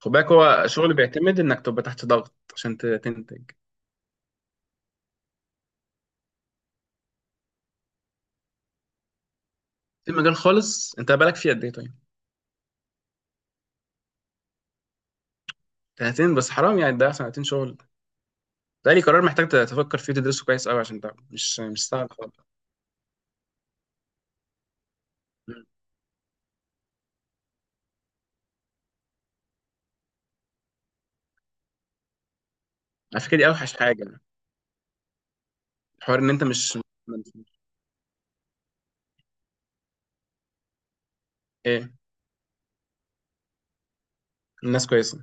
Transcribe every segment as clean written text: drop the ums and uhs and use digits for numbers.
خد بالك، هو شغل بيعتمد انك تبقى تحت ضغط عشان تنتج. في مجال خالص انت بالك فيه قد ايه؟ طيب. سنتين بس، حرام يعني، ده سنتين شغل. ده لي قرار محتاج تفكر فيه تدرسه كويس قوي، عشان ده مش سهل خالص. مم. على فكره دي اوحش حاجه. الحوار ان انت مش- ايه؟ الناس كويسه.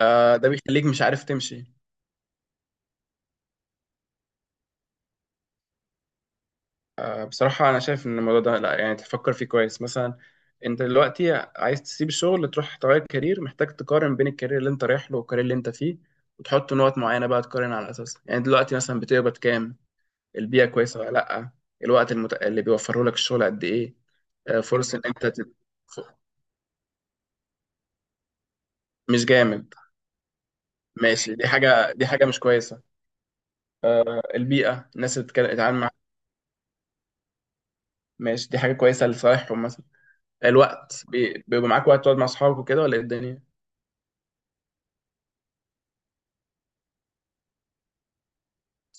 ده بيخليك مش عارف تمشي، بصراحة أنا شايف إن الموضوع ده لأ، يعني تفكر فيه كويس مثلا. أنت دلوقتي عايز تسيب الشغل تروح تغير كارير، محتاج تقارن بين الكارير اللي أنت رايح له والكارير اللي أنت فيه، وتحط نقط معينة بقى تقارن على أساسها. يعني دلوقتي مثلا بتقبض كام؟ البيئة كويسة ولا لأ؟ الوقت اللي بيوفره لك الشغل قد إيه؟ فرص إن أنت ف- مش جامد. ماشي، دي حاجة مش كويسة. البيئة، الناس اللي بتتعامل معاها. ماشي، دي حاجة كويسة لصالحهم مثلا. الوقت بيبقى معاك وقت تقعد مع أصحابك وكده، ولا إيه الدنيا؟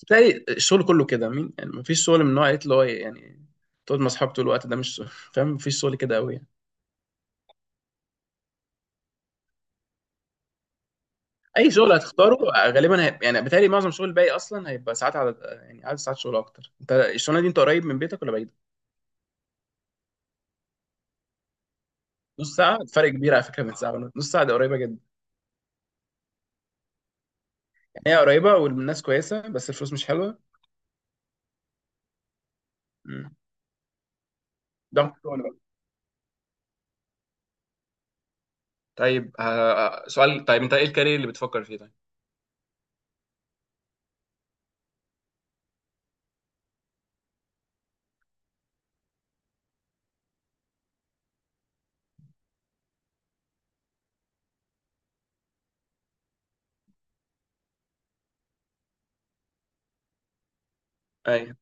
تلاقي الشغل كله كده، مين يعني مفيش شغل من نوع ايه اللي هو يعني تقعد مع اصحابك طول الوقت؟ ده مش شغل. فاهم، مفيش شغل كده قوي يعني. اي شغل هتختاره غالبا هيبقى يعني، بتهيألي معظم الشغل الباقي اصلا هيبقى ساعات عدد، يعني عدد ساعات شغل اكتر. انت الشغلانه دي انت قريب من بيتك ولا بعيد؟ نص ساعه فرق كبير على فكره من ساعه ونص. نص ساعه دي قريبه جدا. يعني هي قريبه والناس كويسه، بس الفلوس مش حلوه. مم. ده شغل بقى. طيب، سؤال، طيب انت ايه الكارير اللي بتفكر فيه؟ طيب. ايوه.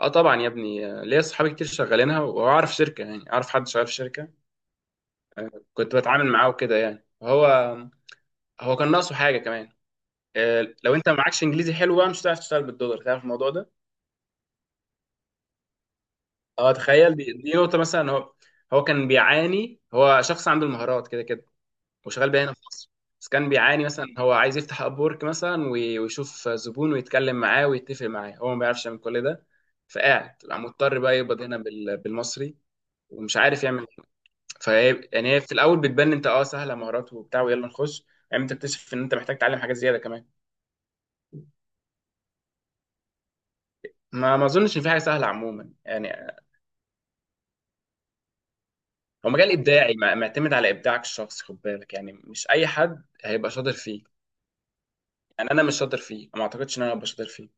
اه طبعا يا ابني، ليا صحابي كتير شغالينها، واعرف شركه، يعني اعرف حد شغال في شركه كنت بتعامل معاه وكده. يعني هو كان ناقصه حاجه كمان. لو انت معكش انجليزي حلو، بقى مش هتعرف تشتغل بالدولار، تعرف الموضوع ده؟ اه تخيل، دي نقطه مثلا. هو كان بيعاني، هو شخص عنده المهارات كده كده، وشغال بيها هنا في مصر. بس كان بيعاني، مثلا هو عايز يفتح اب ورك مثلا، ويشوف زبون ويتكلم معاه ويتفق معاه، هو ما بيعرفش يعمل كل ده. فقاعد بقى مضطر بقى يقبض هنا بالمصري، ومش عارف يعمل. فهي يعني، هي في الاول بتبان انت سهله، مهارات وبتاع ويلا نخش. يعني انت تكتشف ان انت محتاج تتعلم حاجات زياده كمان. ما اظنش ان في حاجه سهله عموما يعني. هو مجال ابداعي، معتمد على ابداعك الشخصي، خد بالك يعني مش اي حد هيبقى شاطر فيه. يعني انا مش شاطر فيه، ما اعتقدش ان انا هبقى شاطر فيه.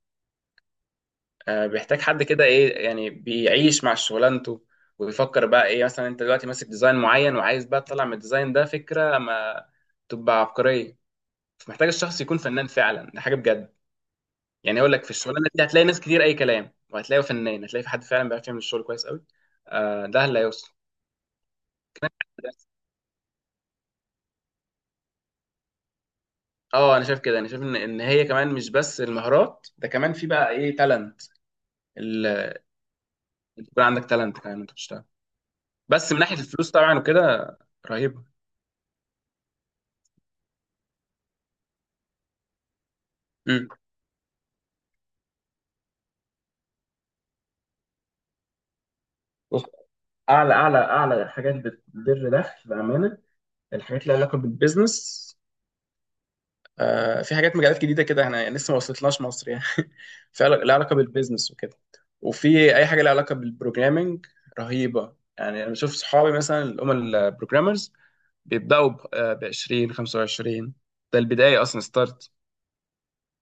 بيحتاج حد كده، ايه يعني، بيعيش مع شغلانته. وبيفكر بقى، ايه مثلا انت دلوقتي ماسك ديزاين معين وعايز بقى تطلع من الديزاين ده فكره ما تبقى عبقريه. فمحتاج الشخص يكون فنان فعلا، ده حاجه بجد. يعني اقول لك، في الشغلانه دي هتلاقي ناس كتير اي كلام، وهتلاقي فنان، هتلاقي في حد فعلا بيعرف يعمل الشغل كويس قوي. ده اللي هيوصل. اه انا شايف كده، انا شايف ان هي كمان مش بس المهارات، ده كمان في بقى ايه، تالنت. يكون عندك تالنت كمان انت بتشتغل. بس من ناحيه الفلوس طبعا وكده، رهيبه. امم. بص، اعلى اعلى اعلى حاجات بتدر دخل بامانه الحاجات اللي لها علاقه بالبيزنس. في حاجات، مجالات جديده كده احنا لسه ما وصلتلناش مصر يعني. في لها علاقه بالبيزنس وكده، وفي اي حاجه لها علاقه بالبروجرامينج. رهيبه يعني. انا بشوف صحابي مثلا، اللي هم البروجرامرز، بيبداوا ب 20 25، ده البدايه اصلا، ستارت.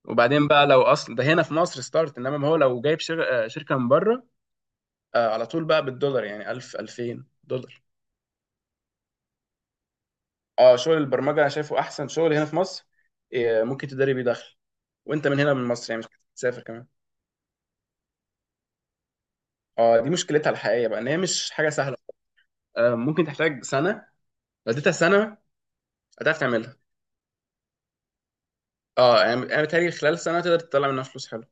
وبعدين بقى، لو اصلا ده هنا في مصر ستارت، انما ما هو لو جايب شركه من بره، على طول بقى بالدولار، يعني 1000 2000 دولار. اه شغل البرمجه انا شايفه احسن شغل هنا في مصر. ممكن تداري بيه دخل وانت من هنا من مصر، يعني مش محتاج تسافر كمان. اه، دي مشكلتها الحقيقيه بقى ان هي مش حاجه سهله. ممكن تحتاج سنه. لو اديتها سنه، هتعرف تعملها. اه يعني، انا بتهيألي خلال سنه تقدر تطلع منها فلوس حلوه.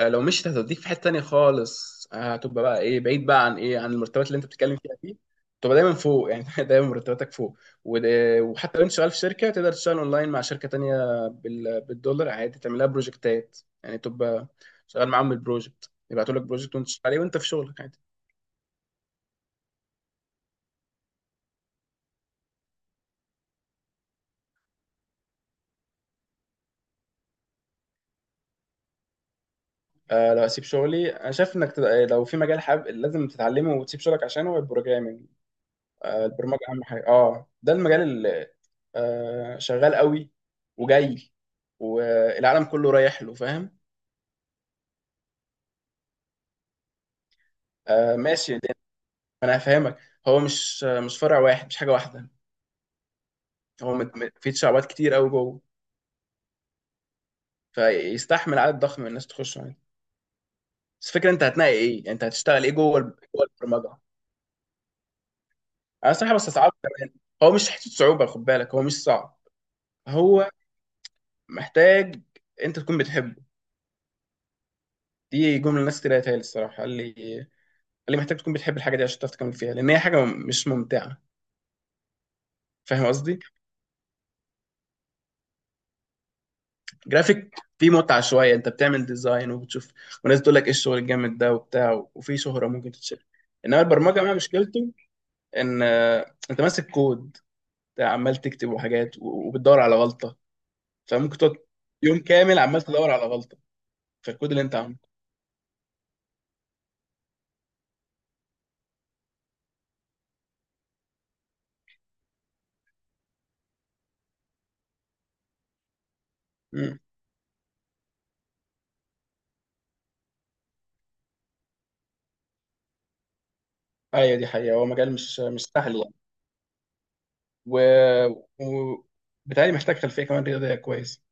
لو مشيت هتوديك في حته تانيه خالص. هتبقى بقى ايه، بعيد بقى عن ايه، عن المرتبات اللي انت بتتكلم فيها دي. تبقى دايما فوق يعني. دايما مرتباتك فوق. وحتى لو انت شغال في شركه تقدر تشتغل اونلاين مع شركه تانيه بالدولار عادي. تعملها بروجكتات يعني، تبقى شغال معاهم بالبروجكت، يبعتوا لك بروجكت وانت شغال عليه وانت في شغلك عادي. لو اسيب شغلي، انا شايف انك لو في مجال حابب لازم تتعلمه وتسيب شغلك عشانه، البروجرامنج. البرمجه اهم حاجه، اه ده المجال اللي شغال قوي وجاي، والعالم كله رايح له، فاهم. ماشي لأن انا هفهمك، هو مش فرع واحد، مش حاجه واحده. هو في شعبات كتير قوي جوه، فيستحمل عدد ضخم من الناس تخش يعني. بس الفكره، انت هتنقي ايه يعني، انت هتشتغل ايه جوه جوه البرمجه. انا صراحه بس صعب كمان. هو مش حته صعوبه، خد بالك، هو مش صعب. هو محتاج انت تكون بتحبه. دي جمله الناس كتير قالتها لي الصراحه، قال لي محتاج تكون بتحب الحاجه دي عشان تعرف تكمل فيها، لان هي حاجه مش ممتعه، فاهم قصدي. جرافيك فيه متعه شويه، انت بتعمل ديزاين وبتشوف، وناس تقول لك ايه الشغل الجامد ده وبتاع، وفي شهره ممكن تتشال. انما البرمجه بقى مشكلته ان، انت ماسك كود بتاع عمال تكتب وحاجات، وبتدور على غلطه، فممكن تقعد يوم كامل عمال تدور على غلطه في الكود اللي انت عامله. مم. ايوه دي حقيقه، هو مجال مش سهل يعني. و... و... بتهيألي محتاج خلفيه كمان رياضيه كويس.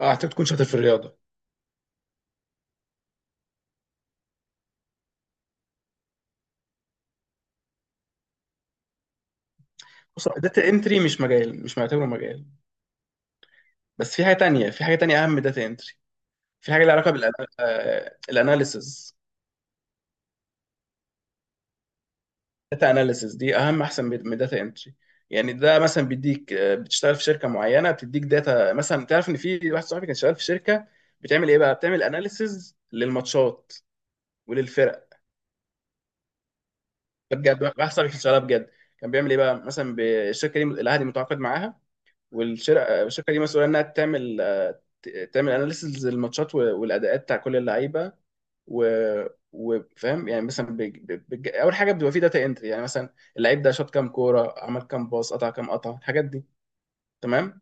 اه هتحتاج تكون شاطر في الرياضه. بص، داتا انتري مش مجال، مش معتبره مجال. بس في حاجه تانية، اهم من داتا انتري. في حاجه لها علاقه بالاناليسز. داتا اناليسز دي اهم، احسن من داتا انتري. يعني ده مثلا بيديك، بتشتغل في شركه معينه بتديك داتا مثلا. تعرف ان في واحد صاحبي كان شغال في شركه، بتعمل ايه بقى؟ بتعمل اناليسز للماتشات وللفرق. ده بجد واحد صاحبي كان شغال بجد. كان بيعمل ايه بقى؟ مثلا الشركه دي الاهلي متعاقد معاها، والشركه دي مسؤوله انها تعمل، تعمل اناليسز للماتشات والاداءات بتاع كل اللعيبه. و وفاهم يعني مثلا اول حاجه بتبقى في داتا انتري، يعني مثلا اللعيب ده شاط كام كوره، عمل كام باص، قطع كام قطع، الحاجات دي. تمام.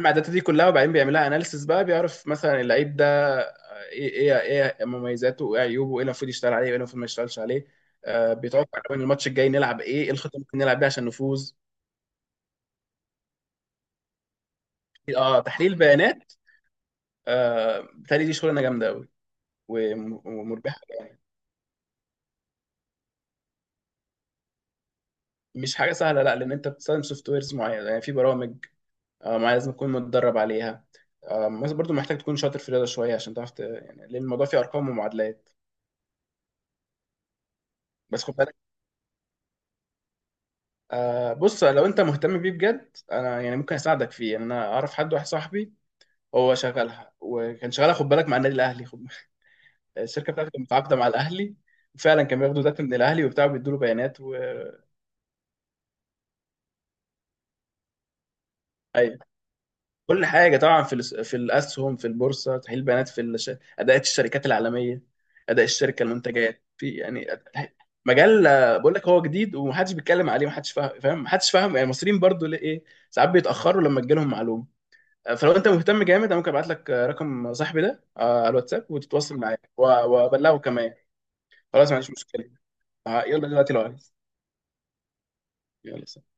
مع الداتا دي كلها، وبعدين بيعمل لها اناليسز بقى، بيعرف مثلا اللعيب ده، ايه مميزاته، وايه عيوبه، وايه اللي المفروض يشتغل عليه، وايه اللي المفروض ما يشتغلش عليه. بيتوقع من الماتش الجاي نلعب ايه الخطه اللي ممكن نلعب بيها عشان نفوز. اه، تحليل بيانات. بتهيألي دي شغلانه جامده قوي، ومربحه يعني. مش حاجه سهله، لا، لان انت بتستخدم سوفت ويرز معينه، يعني في برامج معينه لازم تكون متدرب عليها. مثلا برضو محتاج تكون شاطر في الرياضه شويه، عشان تعرف يعني لان الموضوع فيه ارقام ومعادلات. بس خد بالك، بص، لو انت مهتم بيه بجد، انا يعني ممكن اساعدك فيه. يعني انا اعرف حد، واحد صاحبي هو شغالها، وكان شغالها خد بالك مع النادي الاهلي، خد. الشركه بتاعته كانت متعاقده مع الاهلي، وفعلا كان بياخدوا داتا من الاهلي وبتاع، بيدوا له بيانات أيوة. كل حاجه طبعا، في في الاسهم، في البورصه تحليل بيانات، اداءات الشركات العالميه، اداء الشركه، المنتجات، في يعني مجال، بقول لك هو جديد، ومحدش بيتكلم عليه، محدش فاهم، محدش فاهم يعني. المصريين برضو ليه ايه، ساعات بيتاخروا لما تجيلهم معلومه. فلو انت مهتم جامد انا ممكن ابعت لك، رقم صاحبي ده على الواتساب وتتواصل معاه وابلغه كمان. خلاص ما عنديش مشكله. يلا دلوقتي لو عايز. يلا سلام.